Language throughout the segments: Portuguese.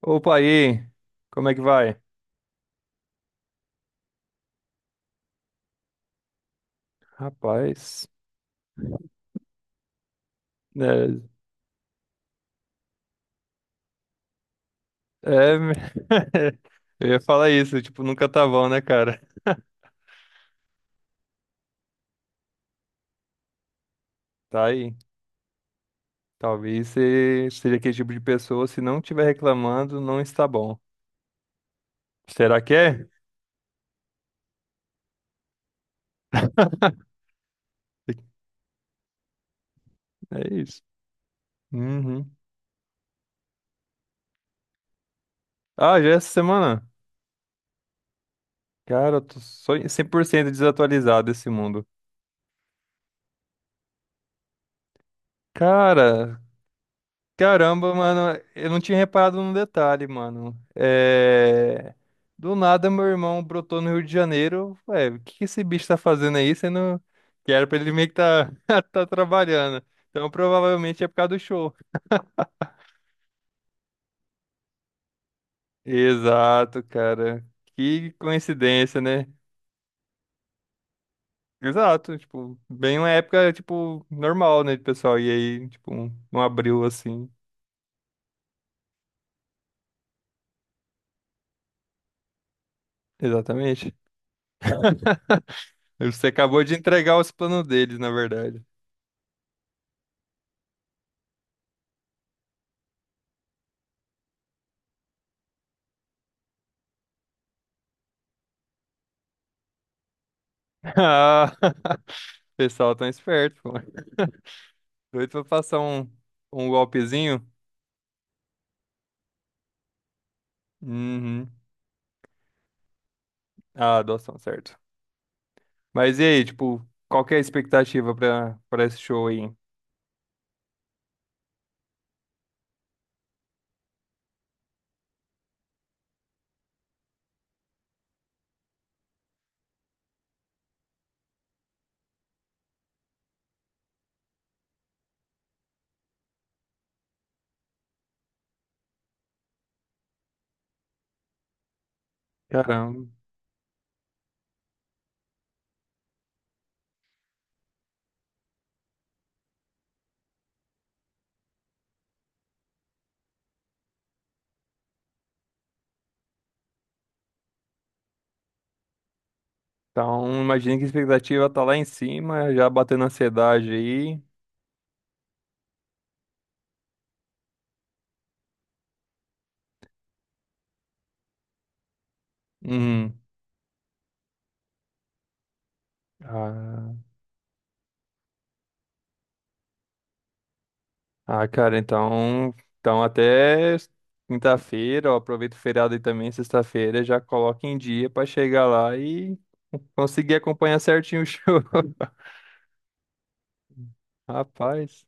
Opa aí, como é que vai? Rapaz, é, é, eu ia falar isso, tipo, nunca tá bom, né, cara? Tá aí. Talvez você seja aquele tipo de pessoa, se não estiver reclamando, não está bom. Será que é? É isso. Uhum. Ah, já é essa semana? Cara, eu tô só em 100% desatualizado desse mundo. Cara, Caramba, mano, eu não tinha reparado num detalhe, mano. É... Do nada, meu irmão brotou no Rio de Janeiro. Ué, o que que esse bicho tá fazendo aí? Sendo que era pra ele meio que tá, tá trabalhando. Então, provavelmente é por causa do show. Exato, cara. Que coincidência, né? Exato, tipo, bem uma época, tipo, normal, né, de pessoal? E aí, tipo, um abril assim. Exatamente. Você acabou de entregar os planos deles, na verdade. Ah, o pessoal tão esperto, pô. Doido pra passar um golpezinho? Uhum. Ah, adoção, certo. Mas e aí, tipo, qual que é a expectativa pra esse show aí? Caramba. Então, imagina que a expectativa tá lá em cima, já batendo ansiedade aí. Uhum. Ah, ah, cara, então até quinta-feira, ó, aproveita o feriado aí também, sexta-feira, já coloca em dia pra chegar lá e conseguir acompanhar certinho o show. Rapaz.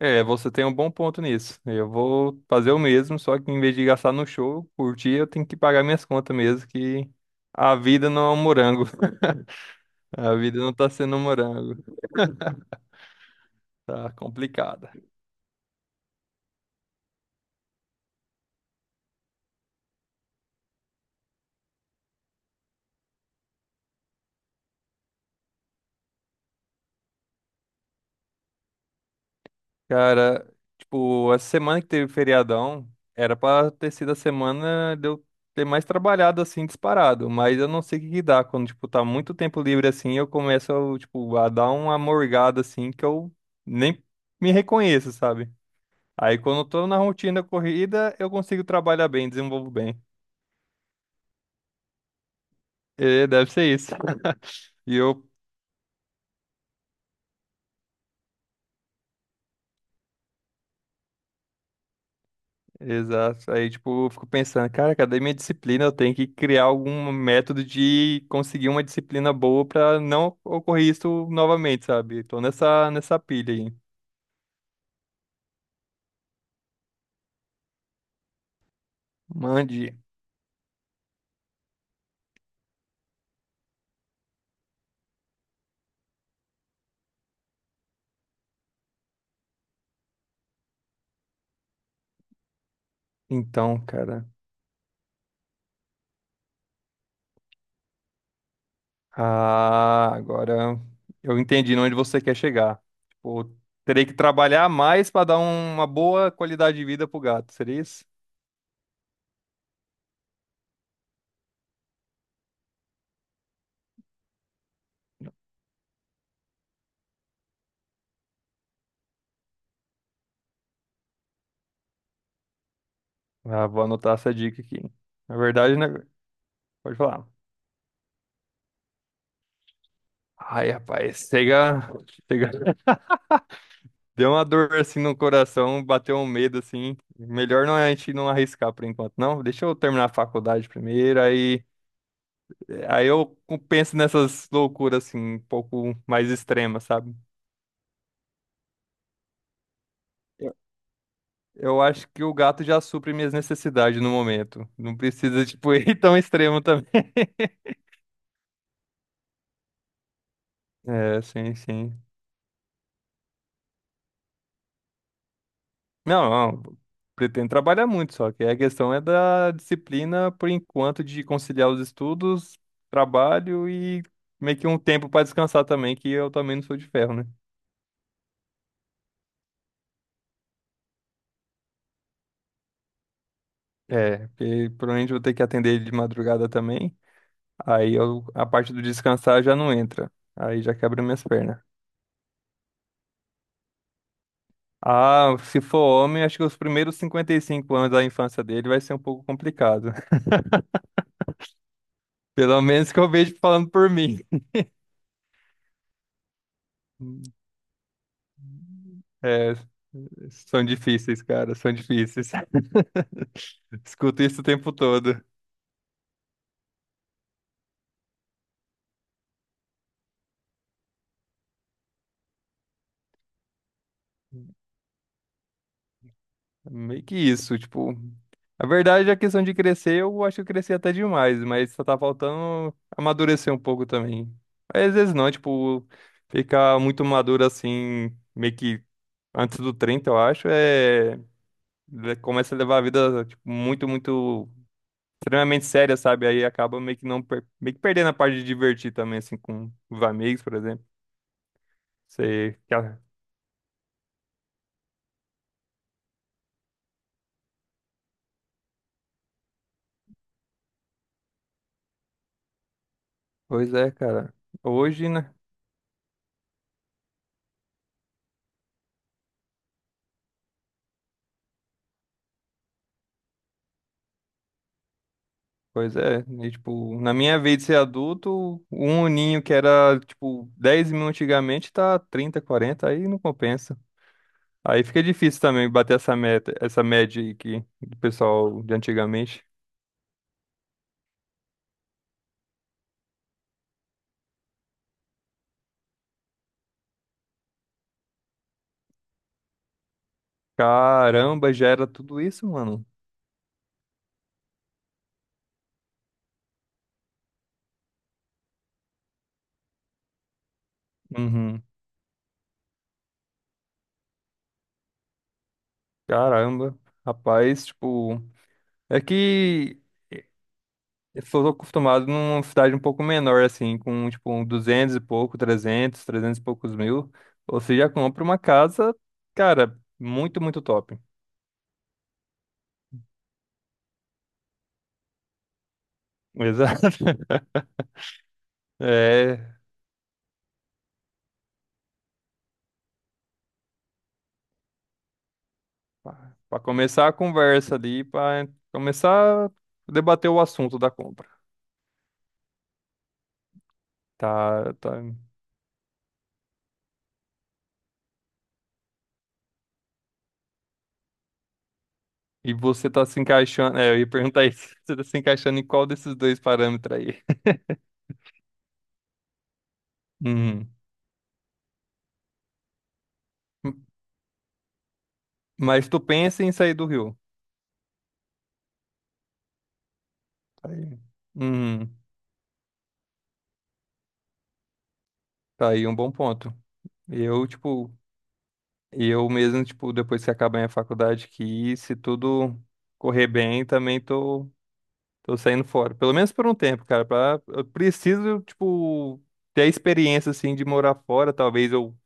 É, você tem um bom ponto nisso. Eu vou fazer o mesmo, só que em vez de gastar no show, curtir, eu tenho que pagar minhas contas mesmo, que a vida não é um morango. A vida não tá sendo um morango. Tá complicada. Cara, tipo, essa semana que teve feriadão, era pra ter sido a semana de eu ter mais trabalhado assim, disparado. Mas eu não sei o que que dá. Quando, tipo, tá muito tempo livre assim, eu começo, tipo, a dar uma morgada assim que eu nem me reconheço, sabe? Aí quando eu tô na rotina corrida, eu consigo trabalhar bem, desenvolvo bem. É, deve ser isso. E eu, exato. Aí, tipo, eu fico pensando, cara, cadê minha disciplina? Eu tenho que criar algum método de conseguir uma disciplina boa pra não ocorrer isso novamente, sabe? Tô nessa pilha aí. Mande. Então, cara. Ah, agora eu entendi onde você quer chegar. Tipo, terei que trabalhar mais pra dar uma boa qualidade de vida pro gato. Seria isso? Ah, vou anotar essa dica aqui. Na verdade, né? Pode falar. Ai, rapaz, chega. Deu uma dor assim no coração, bateu um medo assim. Melhor não é a gente não arriscar por enquanto, não. Deixa eu terminar a faculdade primeiro, aí eu penso nessas loucuras assim, um pouco mais extremas, sabe? Eu eu acho que o gato já supre minhas necessidades no momento. Não precisa, tipo, ir tão extremo também. É, sim. Não, não, pretendo trabalhar muito, só que a questão é da disciplina, por enquanto, de conciliar os estudos, trabalho e meio que um tempo para descansar também, que eu também não sou de ferro, né? É, porque provavelmente eu vou ter que atender ele de madrugada também, a parte do descansar já não entra, aí já quebra minhas pernas. Ah, se for homem, acho que os primeiros 55 anos da infância dele vai ser um pouco complicado. Pelo menos que eu vejo falando por mim. É, cara, são difíceis. Escuto isso o tempo todo. Meio que isso, tipo. A verdade é a questão de crescer, eu acho que eu cresci até demais, mas só tá faltando amadurecer um pouco também. Mas às vezes não, tipo, ficar muito maduro assim, meio que antes do 30, eu acho, é. Começa a levar a vida, tipo, muito. Extremamente séria, sabe? Aí acaba meio que não per- meio que perdendo a parte de divertir também, assim, com os amigos, por exemplo. Sei, cara. Pois é, cara. Hoje, né? Pois é. E, tipo, na minha vez de ser adulto, um uninho que era, tipo, 10 mil antigamente tá 30, 40 aí não compensa. Aí fica difícil também bater essa meta, essa média aí que do pessoal de antigamente. Caramba, já era tudo isso, mano. Uhum. Caramba. Rapaz, tipo, é que. Eu sou acostumado numa cidade um pouco menor, assim, com tipo um 200 e pouco, 300, 300 e poucos mil. Você já compra uma casa, cara, muito top. Exato. É, para começar a conversa ali, para começar a debater o assunto da compra. Tá, tá. E você tá se encaixando, é, eu ia perguntar isso, você tá se encaixando em qual desses dois parâmetros aí? Uhum. Mas tu pensa em sair do Rio. Tá aí. Uhum. Tá aí um bom ponto. E eu, tipo, e eu mesmo, tipo, depois que acabar minha faculdade aqui, se tudo correr bem, tô saindo fora. Pelo menos por um tempo, cara. Pra, eu preciso, tipo, ter a experiência, assim, de morar fora. Talvez eu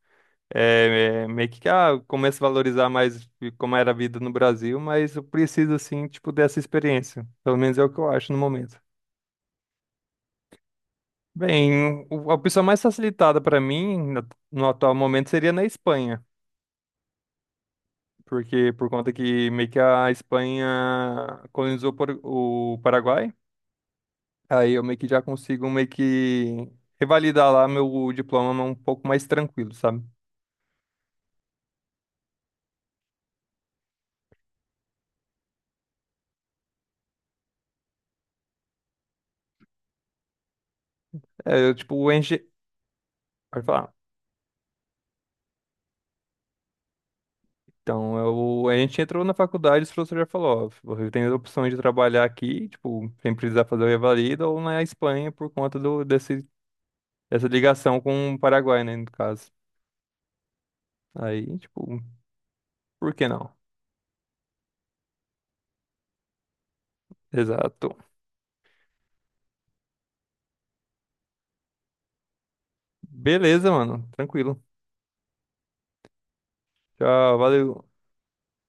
meio que, ah, comece a valorizar mais como era a vida no Brasil, mas eu preciso, assim, tipo, dessa experiência. Pelo menos é o que eu acho no momento. Bem, a opção mais facilitada para mim, no atual momento, seria na Espanha. Porque por conta que meio que a Espanha colonizou o Paraguai, aí eu meio que já consigo meio que revalidar lá meu diploma um pouco mais tranquilo, sabe? É, eu, tipo, enche... Pode falar. Então, eu, a gente entrou na faculdade, o professor já falou, ó, você tem as opções de trabalhar aqui, tipo, sem precisar fazer o revalida, ou na Espanha por conta do, desse, dessa ligação com o Paraguai, né, no caso. Aí, tipo, por que não? Exato. Beleza, mano. Tranquilo. Tchau, valeu.